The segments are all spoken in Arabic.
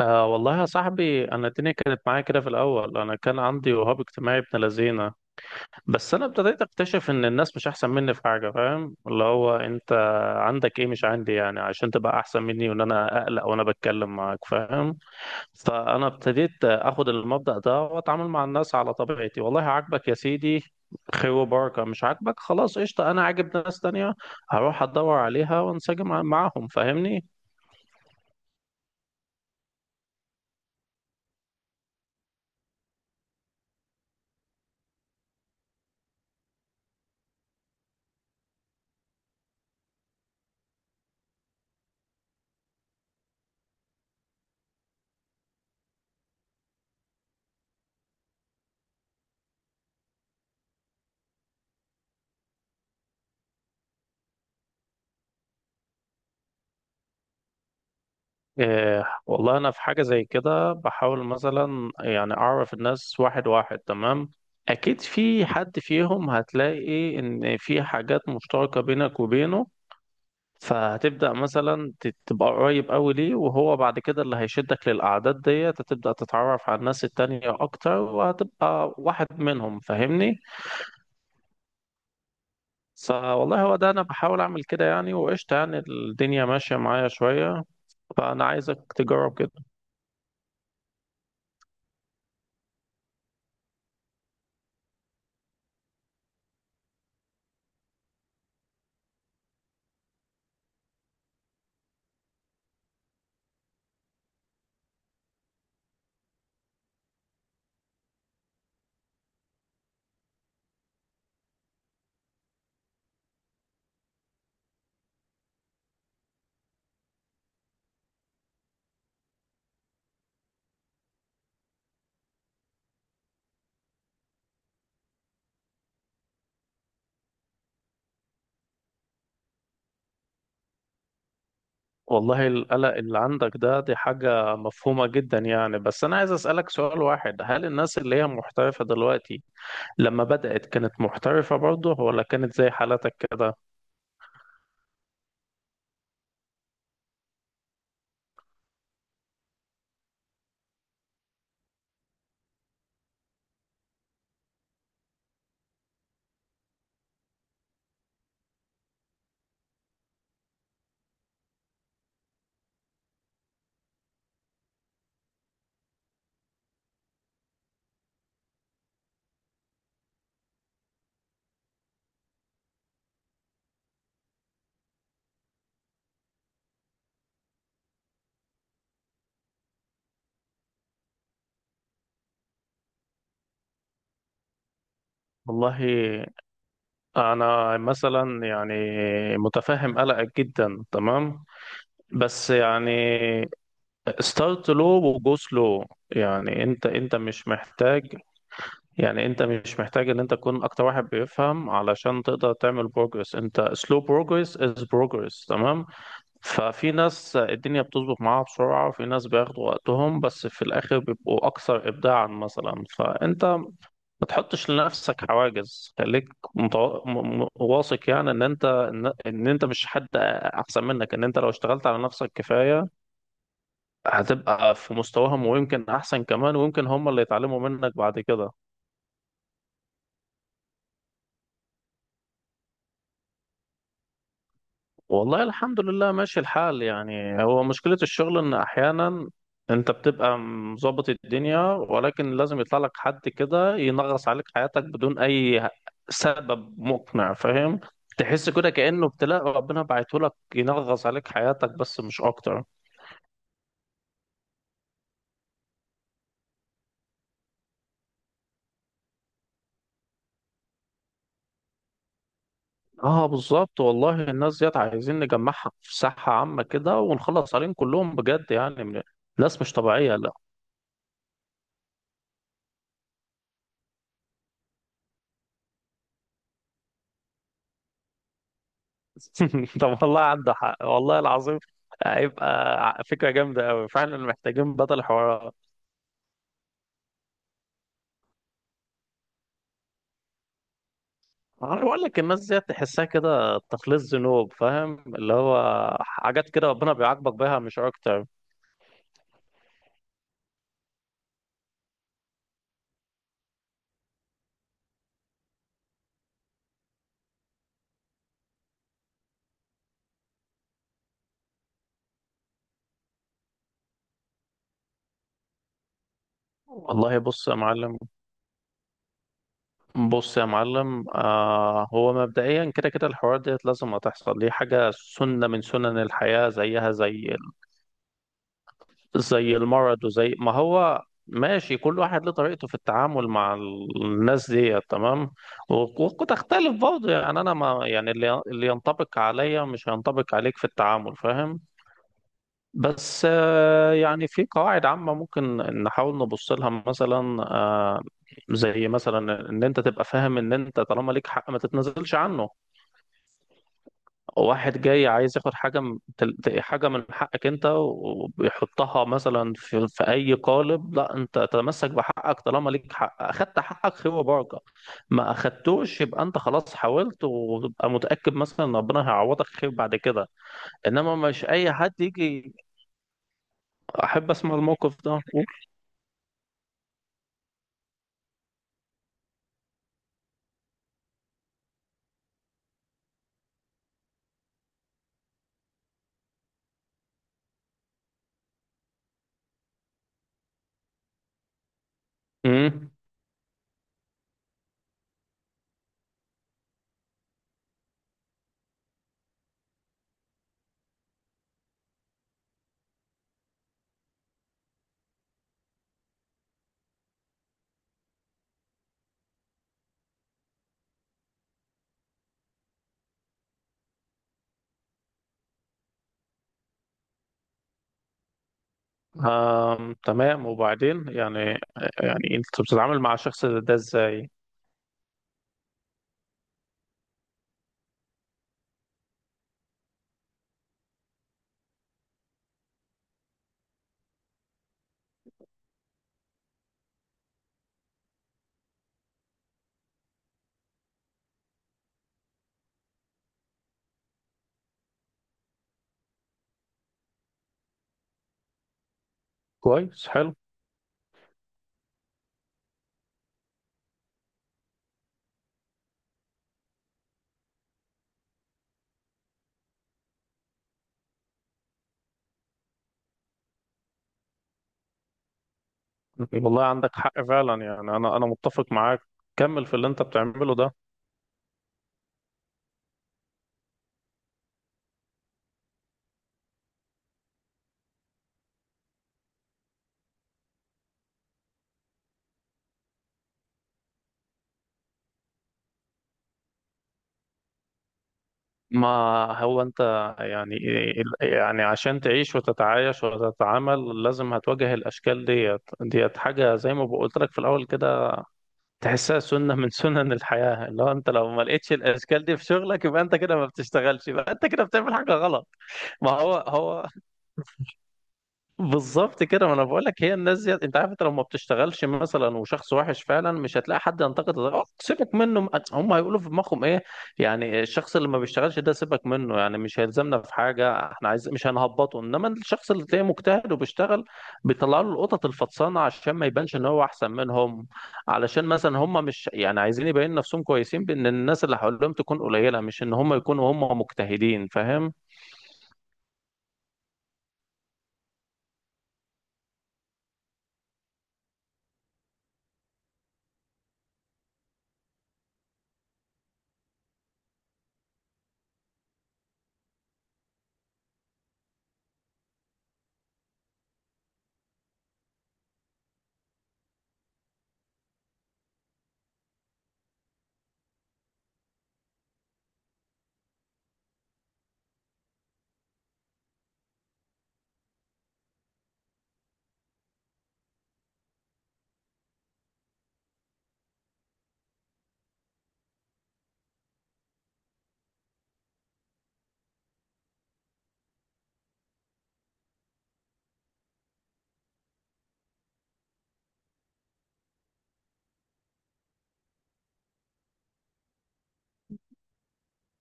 آه والله يا صاحبي، انا الدنيا كانت معايا كده في الاول. انا كان عندي وهاب اجتماعي ابن لذينه، بس انا ابتديت اكتشف ان الناس مش احسن مني في حاجه. فاهم؟ اللي هو انت عندك ايه مش عندي يعني عشان تبقى احسن مني، وان انا اقلق وانا بتكلم معاك. فاهم؟ فانا ابتديت اخد المبدأ ده واتعامل مع الناس على طبيعتي. والله عاجبك يا سيدي، خير وبركه. مش عاجبك، خلاص قشطه، انا عاجب ناس تانية، هروح ادور عليها وانسجم معاهم. فاهمني؟ إيه والله، أنا في حاجة زي كده بحاول مثلا يعني أعرف الناس واحد واحد، تمام؟ أكيد في حد فيهم هتلاقي إن في حاجات مشتركة بينك وبينه، فهتبدأ مثلا تبقى قريب أوي ليه، وهو بعد كده اللي هيشدك للأعداد ديت هتبدأ تتعرف على الناس التانية أكتر، وهتبقى واحد منهم. فاهمني؟ فوالله هو ده، أنا بحاول أعمل كده يعني، وقشطة، يعني الدنيا ماشية معايا شوية. فأنا عايزك تجرب كده. والله القلق اللي عندك ده دي حاجة مفهومة جدا يعني، بس أنا عايز أسألك سؤال واحد: هل الناس اللي هي محترفة دلوقتي لما بدأت كانت محترفة برضه، ولا كانت زي حالتك كده؟ والله أنا مثلا يعني متفهم قلقك جدا، تمام؟ بس يعني ستارت لو وجو سلو. يعني أنت مش محتاج، يعني انت مش محتاج ان انت تكون اكتر واحد بيفهم علشان تقدر تعمل بروجرس. انت سلو بروجرس از بروجرس، تمام؟ ففي ناس الدنيا بتظبط معاها بسرعة، وفي ناس بياخدوا وقتهم بس في الآخر بيبقوا أكثر إبداعا مثلا. فأنت ما تحطش لنفسك حواجز، خليك واثق يعني إن أنت إن أنت مش حد أحسن منك، إن أنت لو اشتغلت على نفسك كفاية هتبقى في مستواهم، ويمكن أحسن كمان، ويمكن هم اللي يتعلموا منك بعد كده. والله الحمد لله ماشي الحال. يعني هو مشكلة الشغل إن أحيانا أنت بتبقى مظبط الدنيا، ولكن لازم يطلع لك حد كده ينغص عليك حياتك بدون أي سبب مقنع. فاهم؟ تحس كده كأنه ابتلاء ربنا بعته لك ينغص عليك حياتك، بس مش أكتر. اه بالظبط، والله الناس ديت عايزين نجمعها في ساحة عامة كده ونخلص عليهم كلهم بجد، يعني ناس مش طبيعية. طب والله عنده حق، والله العظيم. هيبقى فكرة جامدة أوي فعلا، محتاجين بطل حوارات. أنا بقول لك الناس دي تحسها كده تخليص ذنوب، فاهم؟ اللي هو حاجات كده ربنا بيعاقبك بيها، مش أكتر. والله بص يا معلم، بص يا معلم، آه، هو مبدئيا كده كده الحوار ديت لازم هتحصل، دي حاجة سنة من سنن الحياة، زيها زي زي المرض، وزي ما هو ماشي. كل واحد له طريقته في التعامل مع الناس دي، تمام؟ وتختلف برضه يعني. انا ما يعني اللي ينطبق عليا مش هينطبق عليك في التعامل. فاهم؟ بس يعني في قواعد عامة ممكن نحاول نبص لها، مثلا زي مثلا ان انت تبقى فاهم ان انت طالما ليك حق ما تتنازلش عنه. واحد جاي عايز ياخد حاجة من حاجة من حقك انت، وبيحطها مثلا في اي قالب، لا، انت تتمسك بحقك. طالما ليك حق، اخدت حقك خير وبركة، ما اخدتوش يبقى انت خلاص حاولت، وتبقى متأكد مثلا ان ربنا هيعوضك خير بعد كده. انما مش اي حد يجي. احب اسمع الموقف ده. امم. آم، تمام، وبعدين يعني، يعني انت بتتعامل مع الشخص ده ازاي؟ كويس، حلو. والله عندك حق فعلا، يعني انا متفق معاك. كمل في اللي انت بتعمله ده. ما هو انت يعني، يعني عشان تعيش وتتعايش وتتعامل لازم هتواجه الاشكال ديت. ديت حاجه زي ما قلت لك في الاول كده، تحسها سنه من سنن الحياه، اللي هو انت لو ما لقيتش الاشكال دي في شغلك يبقى انت كده ما بتشتغلش، يبقى انت كده بتعمل حاجه غلط. ما هو بالظبط كده، ما انا بقول لك هي الناس دي. انت عارف انت لو ما بتشتغلش مثلا وشخص وحش فعلا مش هتلاقي حد ينتقد، سيبك منه، هم هيقولوا في دماغهم ايه يعني الشخص اللي ما بيشتغلش ده سيبك منه يعني مش هيلزمنا في حاجه، احنا عايز مش هنهبطه. انما الشخص اللي تلاقيه مجتهد وبيشتغل بيطلعوا له القطط الفطسانه عشان ما يبانش ان هو احسن منهم، علشان مثلا هم مش يعني عايزين يبين نفسهم كويسين بان الناس اللي حواليهم تكون قليله، مش ان هم يكونوا هم مجتهدين. فاهم؟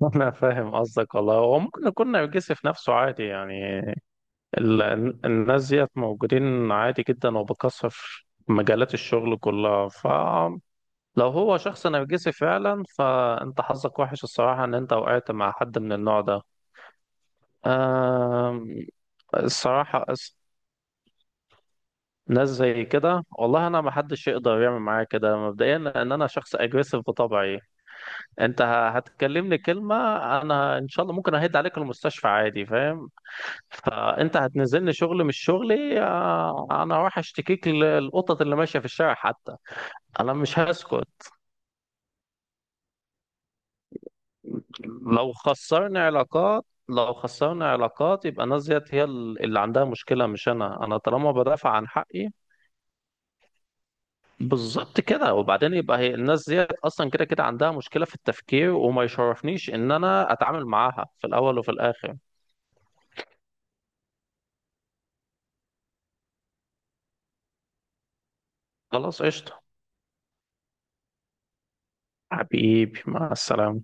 أنا فاهم قصدك والله. هو ممكن يكون نرجسي في نفسه، عادي يعني. الناس ديت موجودين عادي جدا وبكثرة في مجالات الشغل كلها. فلو هو شخص نرجسي فعلا فأنت حظك وحش الصراحة إن أنت وقعت مع حد من النوع ده. آم، الصراحة ناس زي كده والله، أنا ما حدش يقدر يعمل معايا كده مبدئيا، لأن أنا شخص أجريسيف بطبعي. أنت هتكلمني كلمة أنا إن شاء الله ممكن أهد عليك المستشفى، عادي. فاهم؟ فانت هتنزلني شغل مش شغلي، انا هروح اشتكيك للقطط اللي ماشيه في الشارع حتى. انا مش هسكت. لو خسرنا علاقات، لو خسرنا علاقات، يبقى الناس ديت هي اللي عندها مشكله مش انا، انا طالما بدافع عن حقي. بالظبط كده. وبعدين يبقى هي الناس ديت اصلا كده كده عندها مشكله في التفكير، وما يشرفنيش ان انا اتعامل معاها في الاول وفي الاخر. خلاص قشطه. حبيبي مع السلامه.